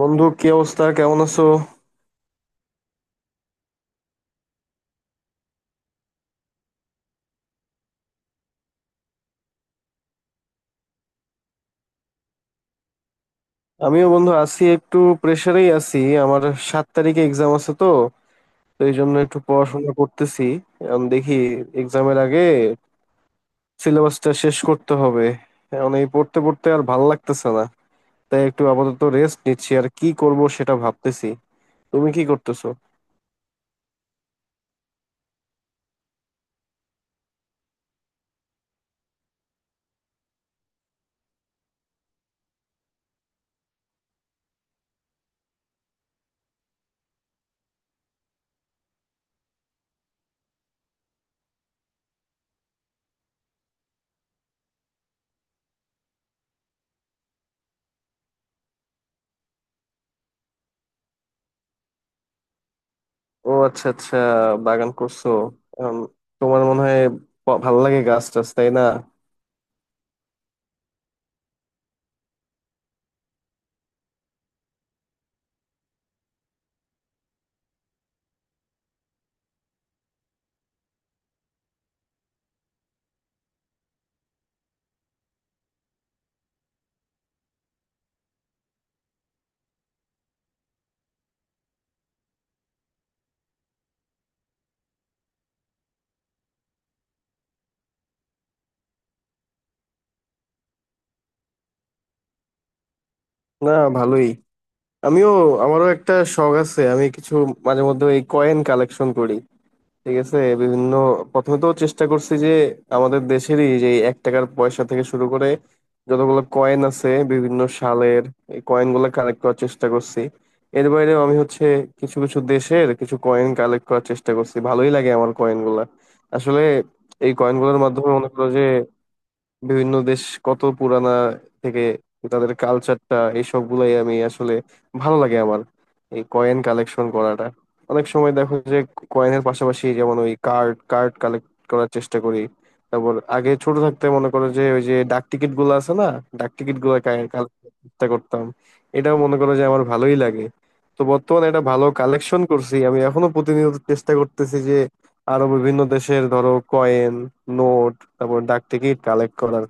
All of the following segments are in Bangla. বন্ধু, কি অবস্থা? কেমন আছো? আমিও বন্ধু আছি, একটু প্রেসারেই আছি। আমার 7 তারিখে এক্সাম আছে তো তো এই জন্য একটু পড়াশোনা করতেছি। এখন দেখি এক্সামের আগে সিলেবাসটা শেষ করতে হবে। এখন এই পড়তে পড়তে আর ভাল লাগতেছে না, তাই একটু আপাতত রেস্ট নিচ্ছি। আর কি করব সেটা ভাবতেছি। তুমি কি করতেছো? ও আচ্ছা, আচ্ছা। বাগান করছো এখন। তোমার মনে হয় ভাল লাগে গাছ টাছ, তাই না? না, ভালোই। আমিও, আমারও একটা শখ আছে। আমি কিছু মাঝে মধ্যে এই কয়েন কালেকশন করি, ঠিক আছে? বিভিন্ন, প্রথমে তো চেষ্টা করছি যে আমাদের দেশেরই যে এই 1 টাকার পয়সা থেকে শুরু করে যতগুলো কয়েন আছে বিভিন্ন সালের এই কয়েন গুলো কালেক্ট করার চেষ্টা করছি। এর বাইরেও আমি হচ্ছে কিছু কিছু দেশের কিছু কয়েন কালেক্ট করার চেষ্টা করছি। ভালোই লাগে আমার কয়েন গুলা আসলে। এই কয়েন গুলোর মাধ্যমে মনে করো যে বিভিন্ন দেশ কত পুরানা থেকে, তাদের কালচারটা এইসব গুলাই আমি আসলে ভালো লাগে আমার এই কয়েন কালেকশন করাটা। অনেক সময় দেখো যে কয়েনের পাশাপাশি যেমন ওই কার্ড কার্ড কালেক্ট করার চেষ্টা করি। তারপর আগে ছোট থাকতে মনে করো যে ওই যে ডাক টিকিট গুলো আছে না, ডাক টিকিট গুলো কালেক্ট চেষ্টা করতাম। এটাও মনে করো যে আমার ভালোই লাগে। তো বর্তমানে এটা ভালো কালেকশন করছি। আমি এখনো প্রতিনিয়ত চেষ্টা করতেছি যে আরো বিভিন্ন দেশের ধরো কয়েন, নোট, তারপর ডাক টিকিট কালেক্ট করার।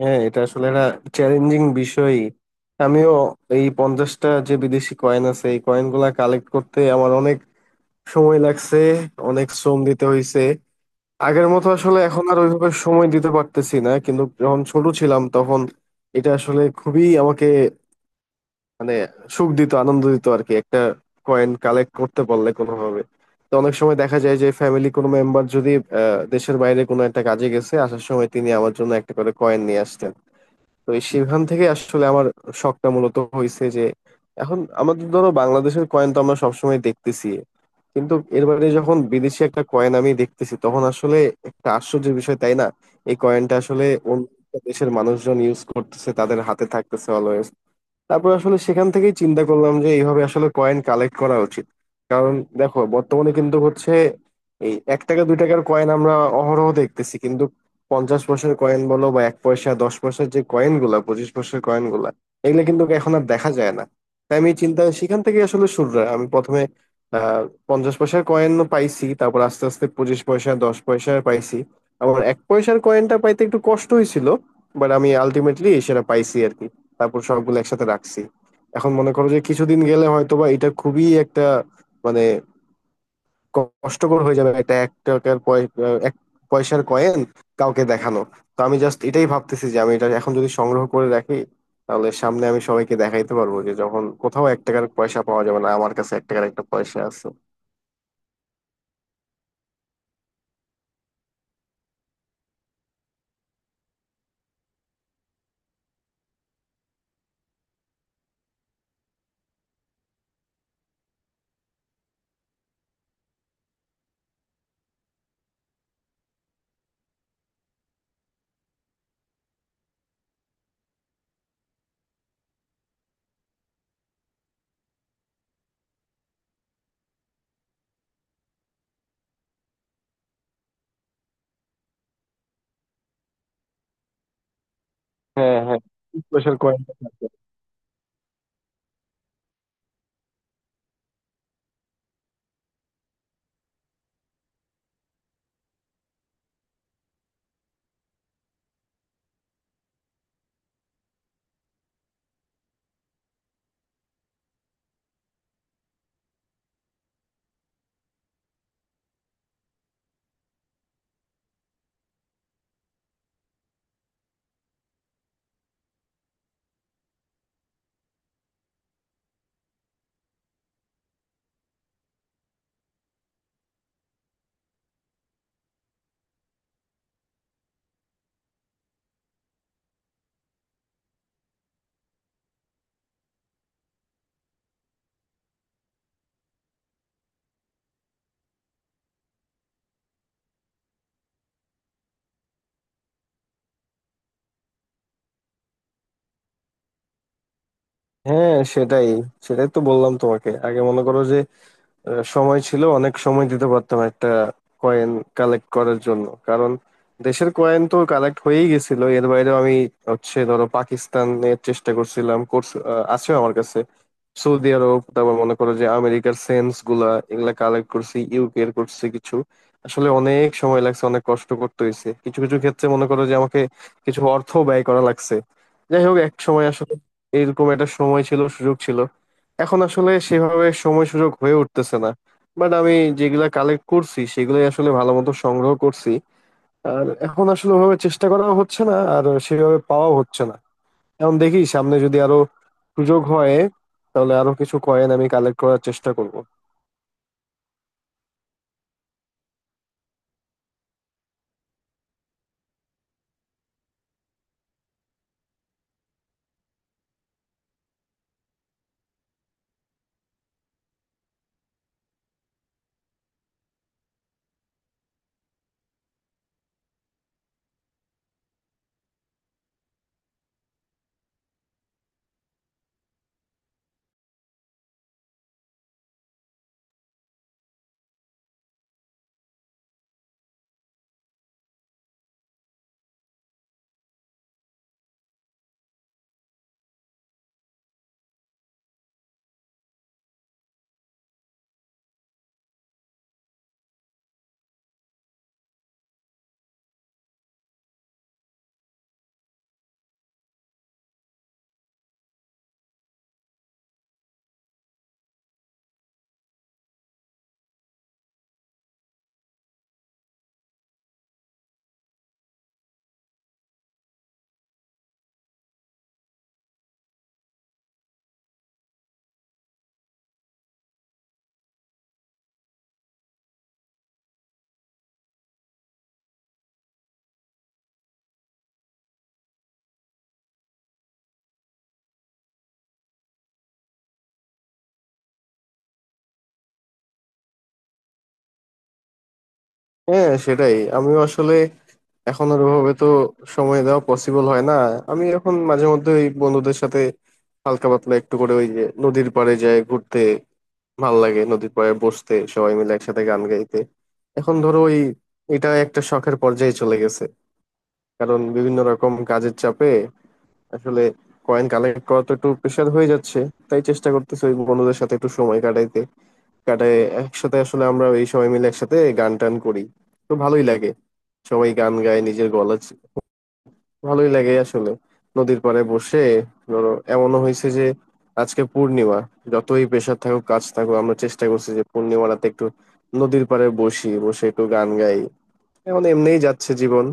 হ্যাঁ, এটা আসলে একটা চ্যালেঞ্জিং বিষয়। আমিও এই 50টা যে বিদেশি কয়েন আছে এই কয়েন গুলা কালেক্ট করতে আমার অনেক সময় লাগছে, অনেক শ্রম দিতে হয়েছে। আগের মতো আসলে এখন আর ওইভাবে সময় দিতে পারতেছি না, কিন্তু যখন ছোট ছিলাম তখন এটা আসলে খুবই আমাকে, মানে, সুখ দিত, আনন্দ দিত আর কি একটা কয়েন কালেক্ট করতে পারলে কোনোভাবে। তো অনেক সময় দেখা যায় যে ফ্যামিলি কোনো মেম্বার যদি দেশের বাইরে কোনো একটা কাজে গেছে, আসার সময় তিনি আমার জন্য একটা করে কয়েন নিয়ে আসতেন। তো এই সেখান থেকে আসলে আমার শখটা মূলত হয়েছে যে এখন আমাদের ধরো বাংলাদেশের কয়েন তো আমরা সবসময় দেখতেছি, কিন্তু এর বাইরে যখন বিদেশি একটা কয়েন আমি দেখতেছি তখন আসলে একটা আশ্চর্যের বিষয়, তাই না? এই কয়েনটা আসলে অন্য একটা দেশের মানুষজন ইউজ করতেছে, তাদের হাতে থাকতেছে অলওয়েজ। তারপর আসলে সেখান থেকেই চিন্তা করলাম যে এইভাবে আসলে কয়েন কালেক্ট করা উচিত। কারণ দেখো বর্তমানে কিন্তু হচ্ছে এই 1 টাকা 2 টাকার কয়েন আমরা অহরহ দেখতেছি, কিন্তু 50 পয়সার কয়েন বলো বা 1 পয়সা 10 পয়সার যে কয়েন গুলা, 25 পয়সার কয়েন গুলা, এগুলো কিন্তু এখন আর দেখা যায় না। তাই আমি চিন্তা সেখান থেকে আসলে শুরু হয়। আমি প্রথমে আহ 50 পয়সার কয়েন পাইছি, তারপর আস্তে আস্তে 25 পয়সা 10 পয়সা পাইছি। আবার 1 পয়সার কয়েনটা পাইতে একটু কষ্ট হয়েছিল, বাট আমি আলটিমেটলি সেটা পাইছি আর কি। তারপর সবগুলো একসাথে রাখছি। এখন মনে করো যে কিছুদিন গেলে হয়তো বা এটা খুবই একটা, মানে, কষ্টকর হয়ে যাবে একটা 1 টাকার এক পয়সার কয়েন কাউকে দেখানো। তো আমি জাস্ট এটাই ভাবতেছি যে আমি এটা এখন যদি সংগ্রহ করে রাখি, তাহলে সামনে আমি সবাইকে দেখাইতে পারবো যে যখন কোথাও 1 টাকার পয়সা পাওয়া যাবে না, আমার কাছে 1 টাকার একটা পয়সা আছে। হ্যাঁ, হ্যাঁ, 1 পয়সার কয়েন। হ্যাঁ, সেটাই সেটাই তো বললাম তোমাকে। আগে মনে করো যে সময় ছিল, অনেক সময় দিতে পারতাম একটা কয়েন কালেক্ট করার জন্য। কারণ দেশের কয়েন তো কালেক্ট হয়েই গেছিল, এর বাইরে আমি হচ্ছে ধরো পাকিস্তানের চেষ্টা করছিলাম, কোর্স আছে আমার কাছে। সৌদি আরব, তারপর মনে করো যে আমেরিকার সেন্টস গুলা এগুলা কালেক্ট করছি, ইউকে এর করছি কিছু। আসলে অনেক সময় লাগছে, অনেক কষ্ট করতে হয়েছে। কিছু কিছু ক্ষেত্রে মনে করো যে আমাকে কিছু অর্থ ব্যয় করা লাগছে। যাই হোক, এক সময় আসলে এরকম একটা সময় ছিল, সুযোগ ছিল। এখন আসলে সেভাবে সময় সুযোগ হয়ে উঠতেছে না। বাট আমি যেগুলা কালেক্ট করছি সেগুলাই আসলে ভালো মতো সংগ্রহ করছি। আর এখন আসলে ওভাবে চেষ্টা করা হচ্ছে না, আর সেভাবে পাওয়া হচ্ছে না। এখন দেখি সামনে যদি আরো সুযোগ হয়, তাহলে আরো কিছু কয়েন আমি কালেক্ট করার চেষ্টা করব। হ্যাঁ, সেটাই। আমিও আসলে এখন আর ওভাবে তো সময় দেওয়া পসিবল হয় না। আমি এখন মাঝে মধ্যে ওই বন্ধুদের সাথে হালকা পাতলা একটু করে ওই যে নদীর পাড়ে যাই ঘুরতে। ভাল লাগে নদীর পাড়ে বসতে, সবাই মিলে একসাথে গান গাইতে। এখন ধরো ওই এটা একটা শখের পর্যায়ে চলে গেছে, কারণ বিভিন্ন রকম কাজের চাপে আসলে কয়েন কালেক্ট করা তো একটু প্রেশার হয়ে যাচ্ছে। তাই চেষ্টা করতেছি ওই বন্ধুদের সাথে একটু সময় কাটাইতে। কাটায় একসাথে আসলে আমরা এই সবাই মিলে একসাথে গান টান করি, তো ভালোই লাগে। সবাই গান গায় নিজের গলা, ভালোই লাগে আসলে নদীর পাড়ে বসে। ধরো এমনও হয়েছে যে আজকে পূর্ণিমা, যতই প্রেশার থাকুক কাজ থাকুক আমরা চেষ্টা করছি যে পূর্ণিমা রাতে একটু নদীর পাড়ে বসি, বসে একটু গান গাই। এখন এমনিই যাচ্ছে জীবন।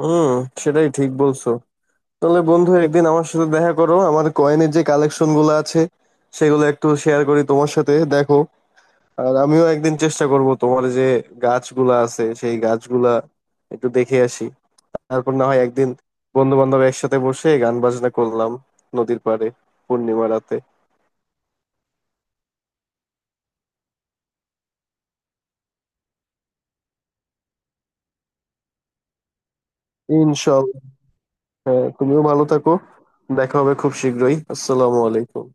হুম, সেটাই, ঠিক বলছো। তাহলে বন্ধু, একদিন আমার সাথে দেখা করো। আমার কয়েনের যে কালেকশন গুলো আছে সেগুলো একটু শেয়ার করি তোমার সাথে, দেখো। আর আমিও একদিন চেষ্টা করব তোমার যে গাছগুলা আছে সেই গাছগুলা একটু দেখে আসি। তারপর না হয় একদিন বন্ধু বান্ধব একসাথে বসে গান বাজনা করলাম নদীর পাড়ে, পূর্ণিমা রাতে। ইনশাল্লাহ। হ্যাঁ, তুমিও ভালো থাকো। দেখা হবে খুব শীঘ্রই। আসসালামু আলাইকুম।